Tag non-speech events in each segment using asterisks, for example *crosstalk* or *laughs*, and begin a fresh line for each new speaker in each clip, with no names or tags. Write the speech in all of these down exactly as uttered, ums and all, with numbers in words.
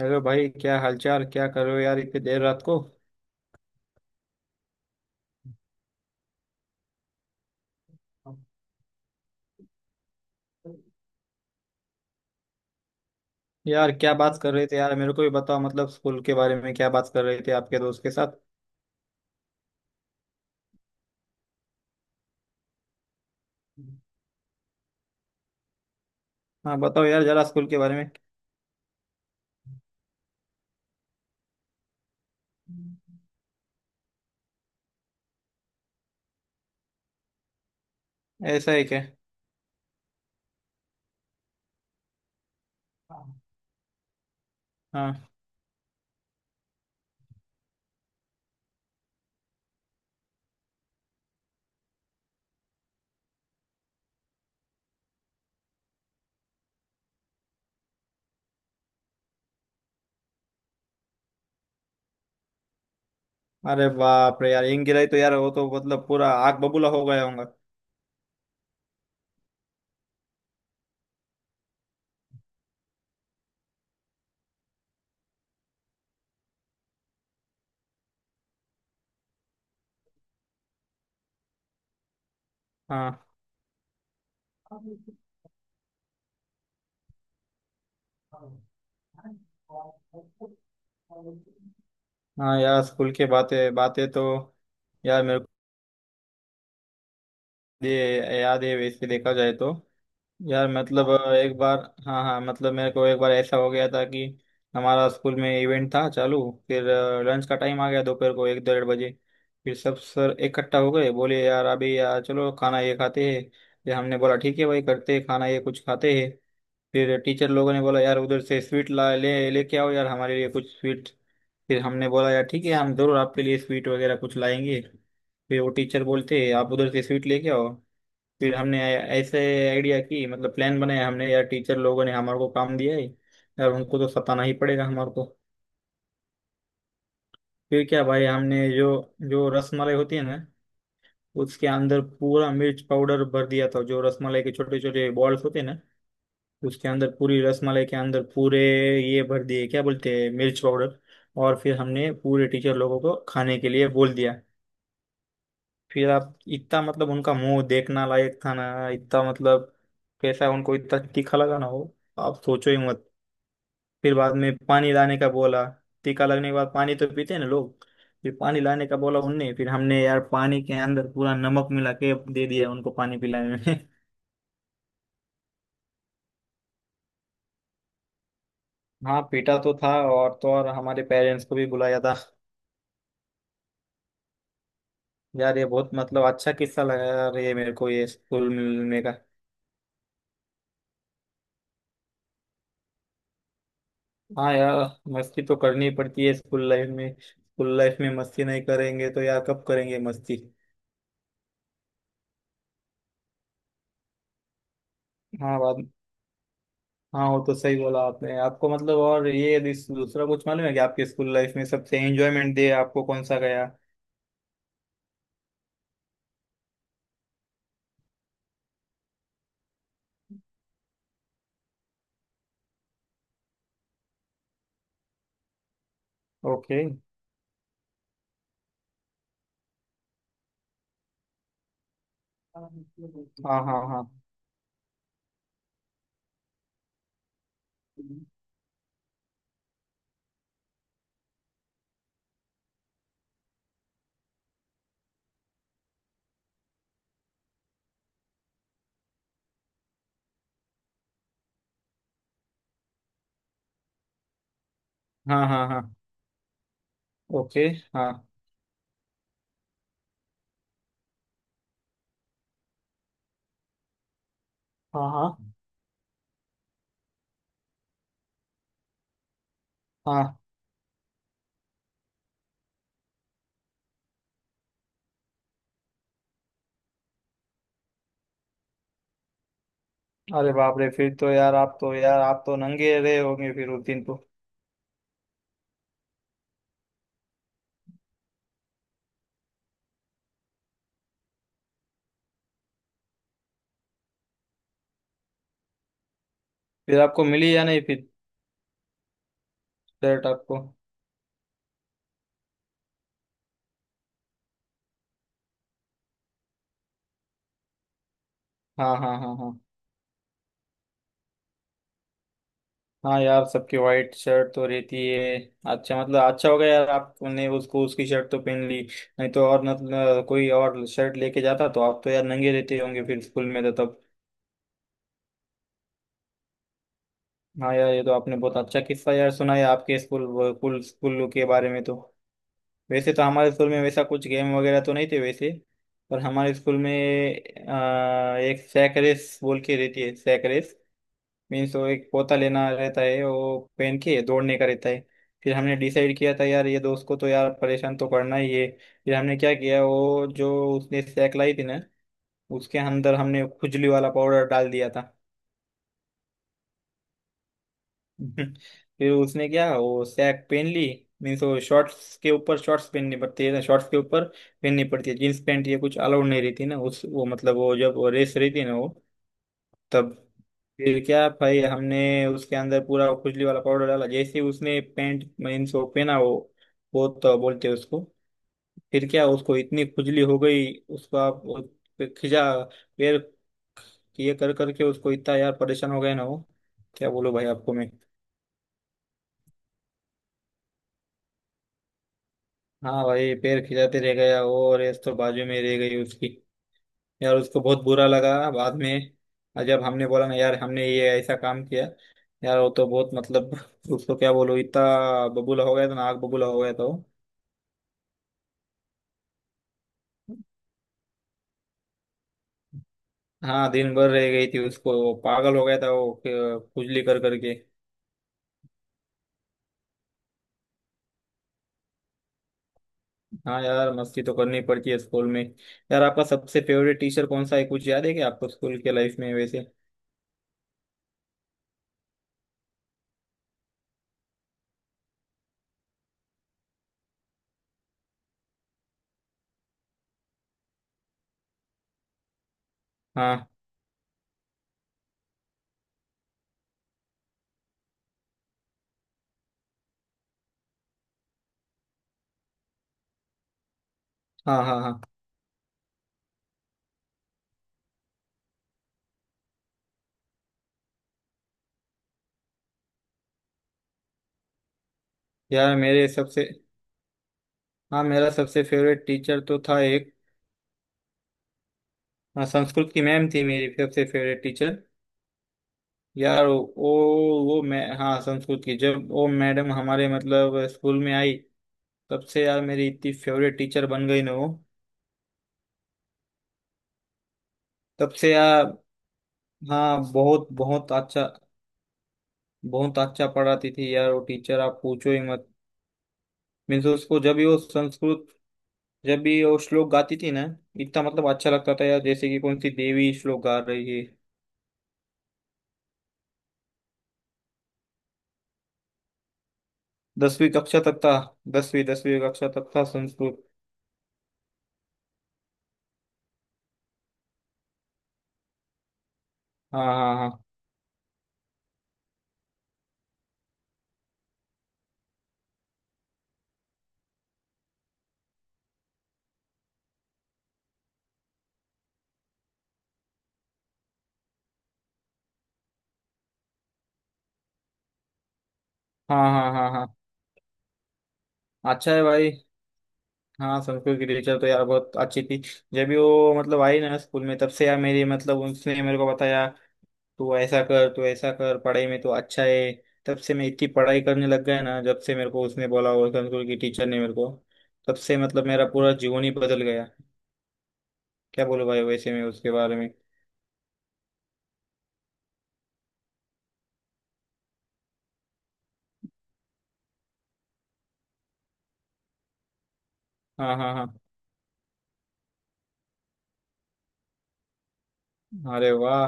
Hello भाई, क्या हालचाल? क्या कर रहे हो यार इतनी देर रात को? यार क्या बात कर रहे थे यार? मेरे को भी बताओ, मतलब स्कूल के बारे में क्या बात कर रहे थे आपके दोस्त के साथ? हाँ बताओ यार जरा स्कूल के बारे में। ऐसा है क्या? हाँ। अरे बाप रे यार, इंग गिराई तो यार वो तो मतलब पूरा आग बबूला हो गया होगा। हाँ। हाँ यार स्कूल के बातें बातें तो यार मेरे को ये याद है। वैसे देखा जाए तो यार मतलब अ, एक बार। हाँ हाँ, मतलब मेरे को एक बार ऐसा हो गया था कि हमारा स्कूल में इवेंट था चालू। फिर लंच का टाइम आ गया दोपहर को एक डेढ़ बजे। फिर सब सर इकट्ठा हो गए, बोले यार अभी यार चलो खाना ये खाते हैं। फिर हमने बोला ठीक है भाई, करते हैं खाना, ये कुछ खाते हैं। फिर टीचर लोगों ने बोला यार उधर से स्वीट ला ले लेके आओ यार, हमारे लिए कुछ स्वीट। फिर हमने बोला यार ठीक है, हम जरूर आपके लिए स्वीट वगैरह कुछ लाएंगे। फिर वो टीचर बोलते आप उधर से स्वीट लेके आओ। फिर हमने ऐसे आइडिया की, मतलब प्लान बनाया हमने, यार टीचर लोगों ने हमारे को काम दिया है यार, उनको तो सताना ही पड़ेगा हमारे को। फिर क्या भाई, हमने जो जो रसमलाई होती है ना, उसके अंदर पूरा मिर्च पाउडर भर दिया था। जो रसमलाई के छोटे छोटे बॉल्स होते हैं ना, उसके अंदर, पूरी रसमलाई के अंदर पूरे ये भर दिए, क्या बोलते हैं, मिर्च पाउडर। और फिर हमने पूरे टीचर लोगों को खाने के लिए बोल दिया। फिर आप इतना, मतलब उनका मुंह देखना लायक था ना, इतना मतलब कैसा उनको इतना तीखा लगा ना हो, आप सोचो ही मत। फिर बाद में पानी लाने का बोला। टीका लगने के बाद पानी तो पीते हैं ना लोग। फिर पानी लाने का बोला उनने, फिर हमने यार पानी के अंदर पूरा नमक मिला के दे दिया उनको पानी पिलाने में। *laughs* हाँ पीटा तो था, और तो और हमारे पेरेंट्स को भी बुलाया था। यार ये बहुत मतलब अच्छा किस्सा लगा यार ये मेरे को, ये स्कूल मिलने का। हाँ यार, मस्ती तो करनी पड़ती है स्कूल लाइफ में, स्कूल लाइफ में मस्ती नहीं करेंगे तो यार कब करेंगे मस्ती? हाँ बात। हाँ वो तो सही बोला आपने। आपको मतलब और ये दिस- दूसरा कुछ मालूम है कि आपके स्कूल लाइफ में सबसे एंजॉयमेंट दिया आपको कौन सा गया? ओके। हाँ हाँ हाँ। हाँ हाँ हाँ। ओके। हाँ हाँ हाँ हाँ। अरे बाप रे, फिर तो यार आप तो, यार आप तो नंगे रहे होंगे फिर उस दिन तो। फिर आपको मिली या नहीं फिर शर्ट आपको? हाँ हाँ हाँ हाँ। हाँ यार सबकी वाइट शर्ट तो रहती है। अच्छा मतलब अच्छा हो गया यार आपने, उसको उसकी शर्ट तो पहन ली। नहीं तो और, मतलब कोई और शर्ट लेके जाता तो आप तो यार नंगे रहते होंगे फिर स्कूल में तो तब। हाँ यार ये तो आपने बहुत अच्छा किस्सा यार सुनाया आपके स्कूल, स्कूल स्कूल के बारे में तो। वैसे तो हमारे स्कूल में वैसा कुछ गेम वगैरह तो नहीं थे वैसे, पर हमारे स्कूल में आ, एक सैक रेस बोल के रहती है, सैक रेस। मीन्स वो एक पोता लेना रहता है, वो पहन के दौड़ने का रहता है। फिर हमने डिसाइड किया था यार ये दोस्त को तो यार परेशान तो करना ही है। फिर हमने क्या किया वो जो उसने सैक लाई थी ना, उसके अंदर हमने खुजली वाला पाउडर डाल दिया था। *laughs* फिर उसने क्या, वो सैक पहन ली। मीन्स वो शॉर्ट्स के ऊपर, शॉर्ट्स पहननी पड़ती है ना शॉर्ट्स के ऊपर, पहननी पड़ती है, जींस पैंट ये कुछ अलाउड नहीं रहती ना उस, वो मतलब वो जब रेस रहती है ना वो, तब। फिर क्या भाई हमने उसके अंदर पूरा खुजली वाला पाउडर डाला, जैसे ही उसने पैंट मीन्स वो पहना वो वो तो बोलते हैं उसको, फिर क्या उसको इतनी खुजली हो गई। उसको आप वो खिंचा पैर ये कर करके उसको इतना यार परेशान हो गया ना वो, क्या बोलो भाई आपको मैं? हाँ भाई पैर खिंचाते रह गया और रेस तो बाजू में रह गई उसकी। यार उसको बहुत बुरा लगा बाद में, जब हमने बोला ना यार हमने ये ऐसा काम किया। यार वो तो बहुत मतलब उसको क्या बोलूं, इतना बबूला हो गया था ना, आग बबूला हो गया था वो। हाँ दिन भर रह गई थी उसको, वो पागल हो गया था वो क- खुजली कर करके। हाँ यार मस्ती तो करनी पड़ती है स्कूल में। यार आपका सबसे फेवरेट टीचर कौन सा है, कुछ याद है क्या आपको स्कूल के लाइफ में वैसे? हाँ हाँ हाँ। हाँ यार मेरे सबसे, हाँ मेरा सबसे फेवरेट टीचर तो था एक। हाँ, संस्कृत की मैम थी मेरी सबसे फेवरेट टीचर। यार वो वो मैं, हाँ संस्कृत की जब वो मैडम हमारे मतलब स्कूल में आई, तब से यार मेरी इतनी फेवरेट टीचर बन गई ना वो। तब से यार, हाँ बहुत बहुत अच्छा, बहुत अच्छा पढ़ाती थी यार वो टीचर आप पूछो ही मत। मीन्स उसको जब भी वो संस्कृत, जब भी वो श्लोक गाती थी ना, इतना मतलब अच्छा लगता था यार जैसे कि कौन सी देवी श्लोक गा रही है। दसवीं कक्षा तक था। दसवीं दसवीं कक्षा तक था संस्कृत। हाँ हाँ हाँ हाँ हाँ हाँ हाँ हाँ। अच्छा है भाई। हाँ संस्कृत की टीचर तो यार बहुत अच्छी थी। जब भी वो मतलब आई ना स्कूल में, तब से यार मेरी, मतलब उसने मेरे को बताया तू ऐसा कर, तू ऐसा कर, पढ़ाई में तो अच्छा है। तब से मैं इतनी पढ़ाई करने लग गया ना, जब से मेरे को उसने बोला, वो संस्कृत की टीचर ने मेरे को। तब से मतलब मेरा पूरा जीवन ही बदल गया। क्या बोलूं भाई वैसे मैं उसके बारे में। हाँ हाँ हाँ। अरे वाह।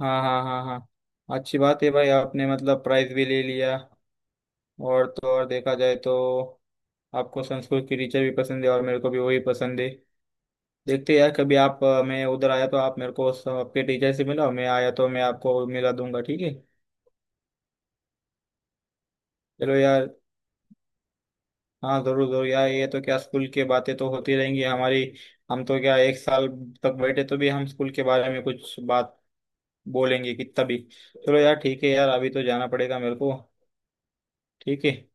हाँ हाँ हाँ हाँ, अच्छी बात है भाई, आपने मतलब प्राइज भी ले लिया। और तो और देखा जाए तो आपको संस्कृत की टीचर भी पसंद है और मेरे को भी वही पसंद है। देखते हैं यार कभी आप अ, मैं उधर आया तो आप मेरे को स- आपके टीचर से मिला, मैं आया तो मैं आपको मिला दूंगा ठीक है। चलो यार। हाँ जरूर जरूर यार, ये तो क्या स्कूल की बातें तो होती रहेंगी हमारी। हम तो क्या एक साल तक बैठे तो भी हम स्कूल के बारे में कुछ बात बोलेंगे कितना भी। चलो यार ठीक है यार, अभी तो जाना पड़ेगा मेरे को। ठीक है।